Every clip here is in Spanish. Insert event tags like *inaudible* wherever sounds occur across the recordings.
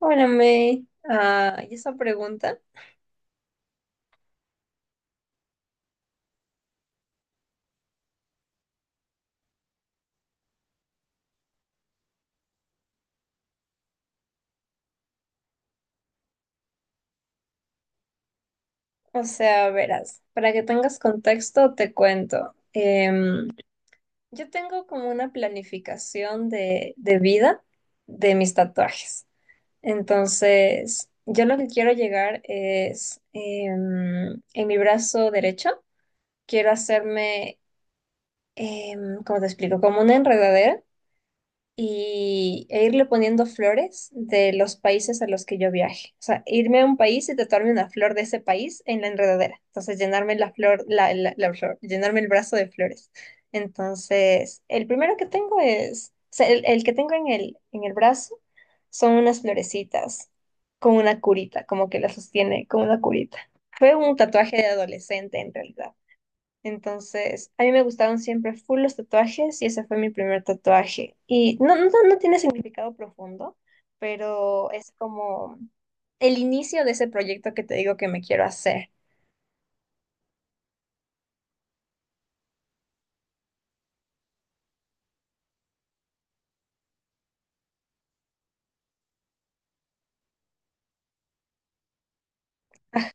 Bueno, May, y esa pregunta, o sea, verás, para que tengas contexto, te cuento. Yo tengo como una planificación de vida de mis tatuajes. Entonces, yo lo que quiero llegar es, en mi brazo derecho, quiero hacerme, ¿cómo te explico? Como una enredadera e irle poniendo flores de los países a los que yo viaje. O sea, irme a un país y tatuarme una flor de ese país en la enredadera. Entonces, llenarme la flor, la flor, llenarme el brazo de flores. Entonces, el primero que tengo es, o sea, el que tengo en en el brazo son unas florecitas con una curita, como que la sostiene con una curita. Fue un tatuaje de adolescente en realidad. Entonces, a mí me gustaron siempre full los tatuajes y ese fue mi primer tatuaje. Y no tiene significado profundo, pero es como el inicio de ese proyecto que te digo que me quiero hacer. Ajá.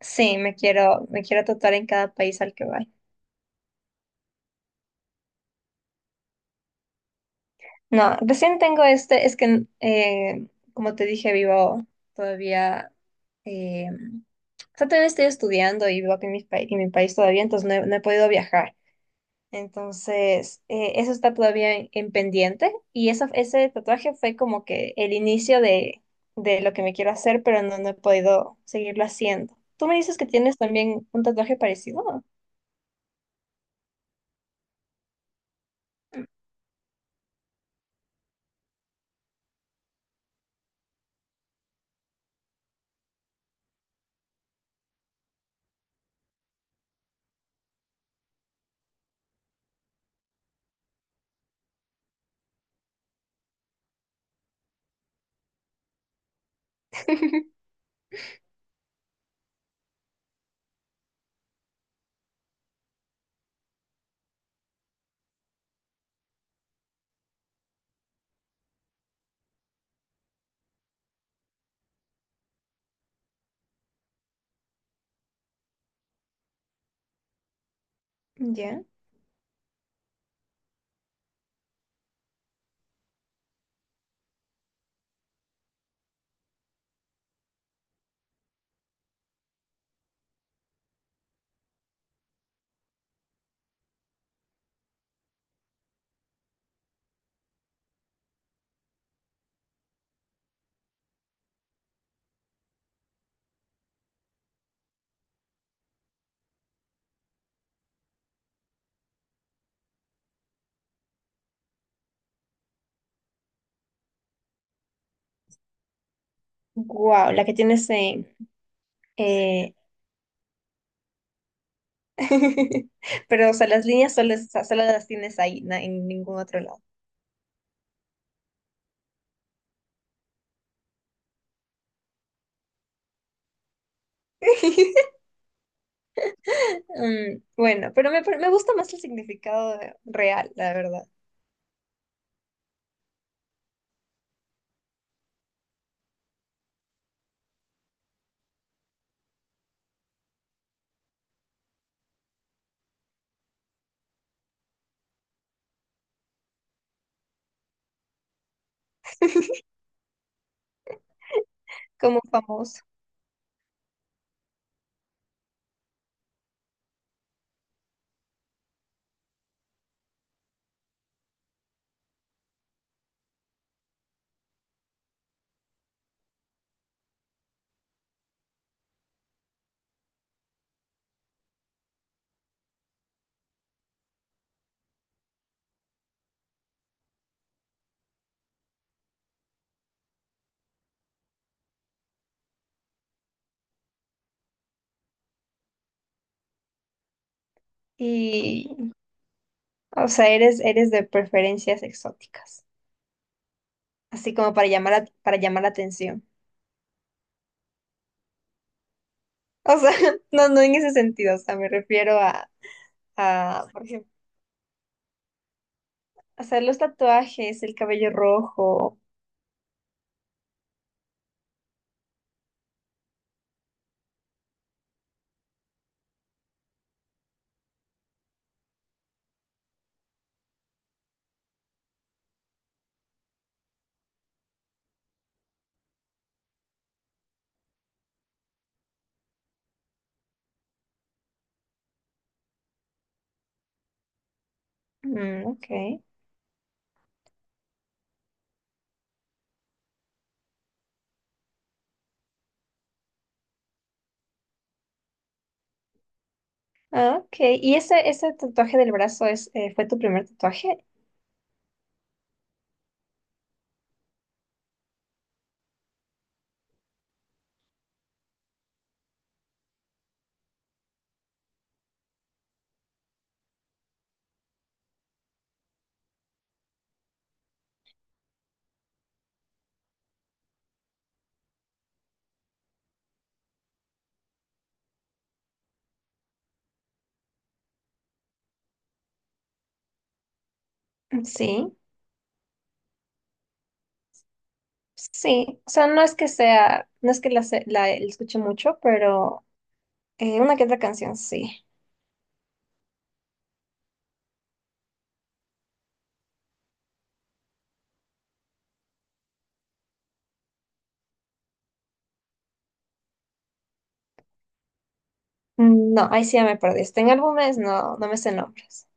Sí, me quiero tatuar en cada país al que voy. No, recién tengo este, es que como te dije, vivo todavía, eh, o sea, todavía estoy estudiando y vivo aquí en en mi país todavía, entonces no he podido viajar. Entonces, eso está todavía en pendiente y eso, ese tatuaje fue como que el inicio de lo que me quiero hacer, pero no he podido seguirlo haciendo. Tú me dices que tienes también un tatuaje parecido. Ya. Wow, la que tienes en... eh, *laughs* Pero, o sea, las líneas solo, solo las tienes ahí, en ningún otro lado. *laughs* Mm, bueno, pero me gusta más el significado real, la verdad, como famoso. Y o sea, eres de preferencias exóticas, así como para llamar la atención. O sea, *laughs* no, no en ese sentido, o sea, me refiero a, por ejemplo, hacer los tatuajes, el cabello rojo. Mm, ok. Ah, ok. ¿Y ese tatuaje del brazo es, fue tu primer tatuaje? Sí, sí. O sea, no es que sea, no es que la escuche mucho, pero una que otra canción, sí. Mm, no, ahí sí ya me perdiste. En álbumes no, no me sé nombres.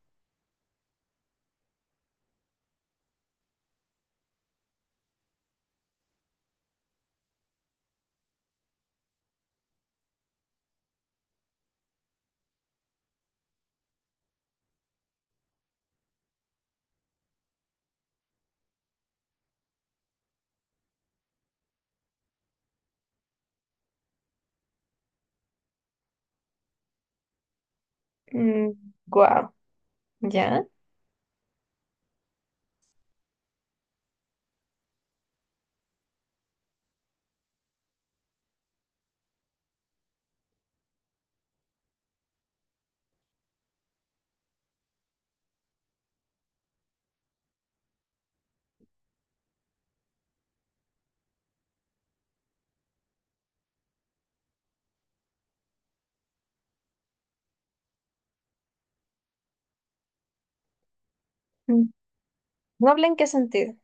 Mm, guau, ¿ya? Mm, ¿noble en qué sentido?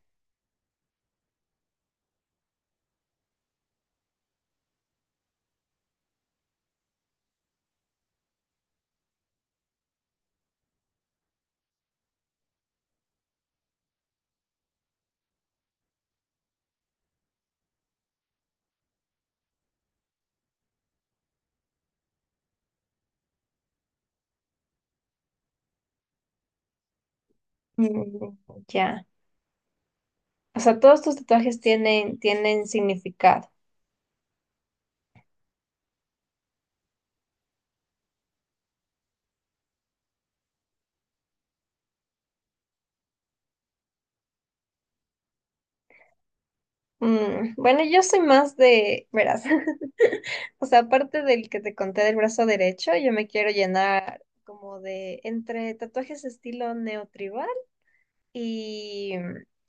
Mm, ya. O sea, todos tus tatuajes tienen, tienen significado. Mm, bueno, yo soy más de, verás, *laughs* o sea, aparte del que te conté del brazo derecho, yo me quiero llenar como de entre tatuajes estilo neotribal y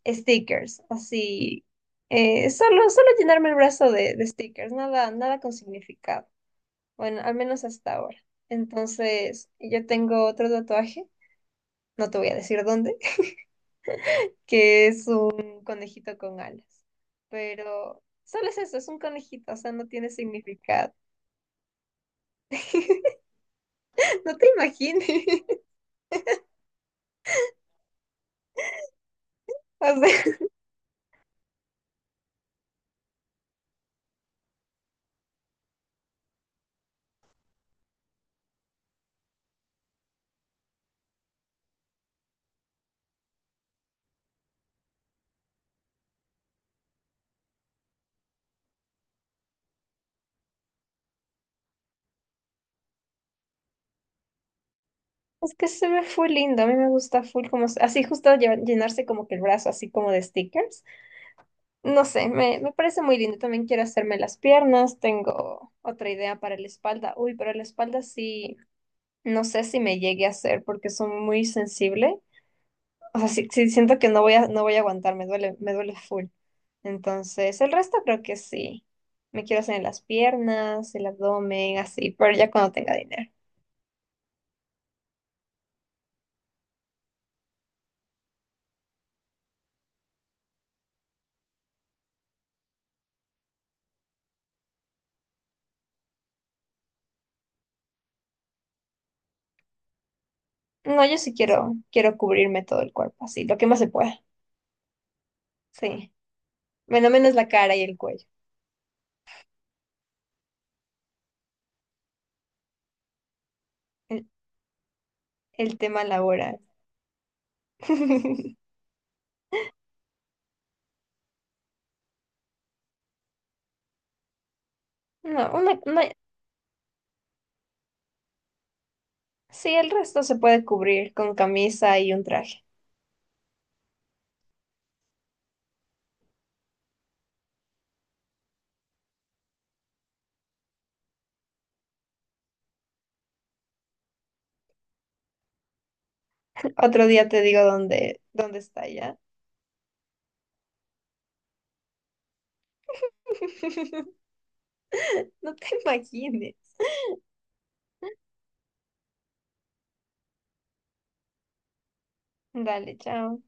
mm, stickers, así. Solo, solo llenarme el brazo de stickers, nada, nada con significado. Bueno, al menos hasta ahora. Entonces, yo tengo otro tatuaje, no te voy a decir dónde, *laughs* que es un conejito con alas. Pero solo es eso, es un conejito, o sea, no tiene significado. *laughs* No te imagines. *laughs* O sea, es que se ve full lindo. A mí me gusta full como así justo llenarse como que el brazo así como de stickers. No sé, me parece muy lindo. También quiero hacerme las piernas. Tengo otra idea para la espalda. Uy, pero la espalda sí, no sé si me llegue a hacer porque soy muy sensible. O sea, sí, sí siento que no voy a aguantar, me duele full. Entonces, el resto creo que sí. Me quiero hacer en las piernas, el abdomen, así, pero ya cuando tenga dinero. No, yo sí quiero, quiero cubrirme todo el cuerpo, así, lo que más se pueda. Sí. Menos menos la cara y el cuello. El, el tema laboral. *laughs* No, sí, el resto se puede cubrir con camisa y un traje. *laughs* Otro día te digo dónde, dónde está ya. *laughs* No te imagines. Dale, chao.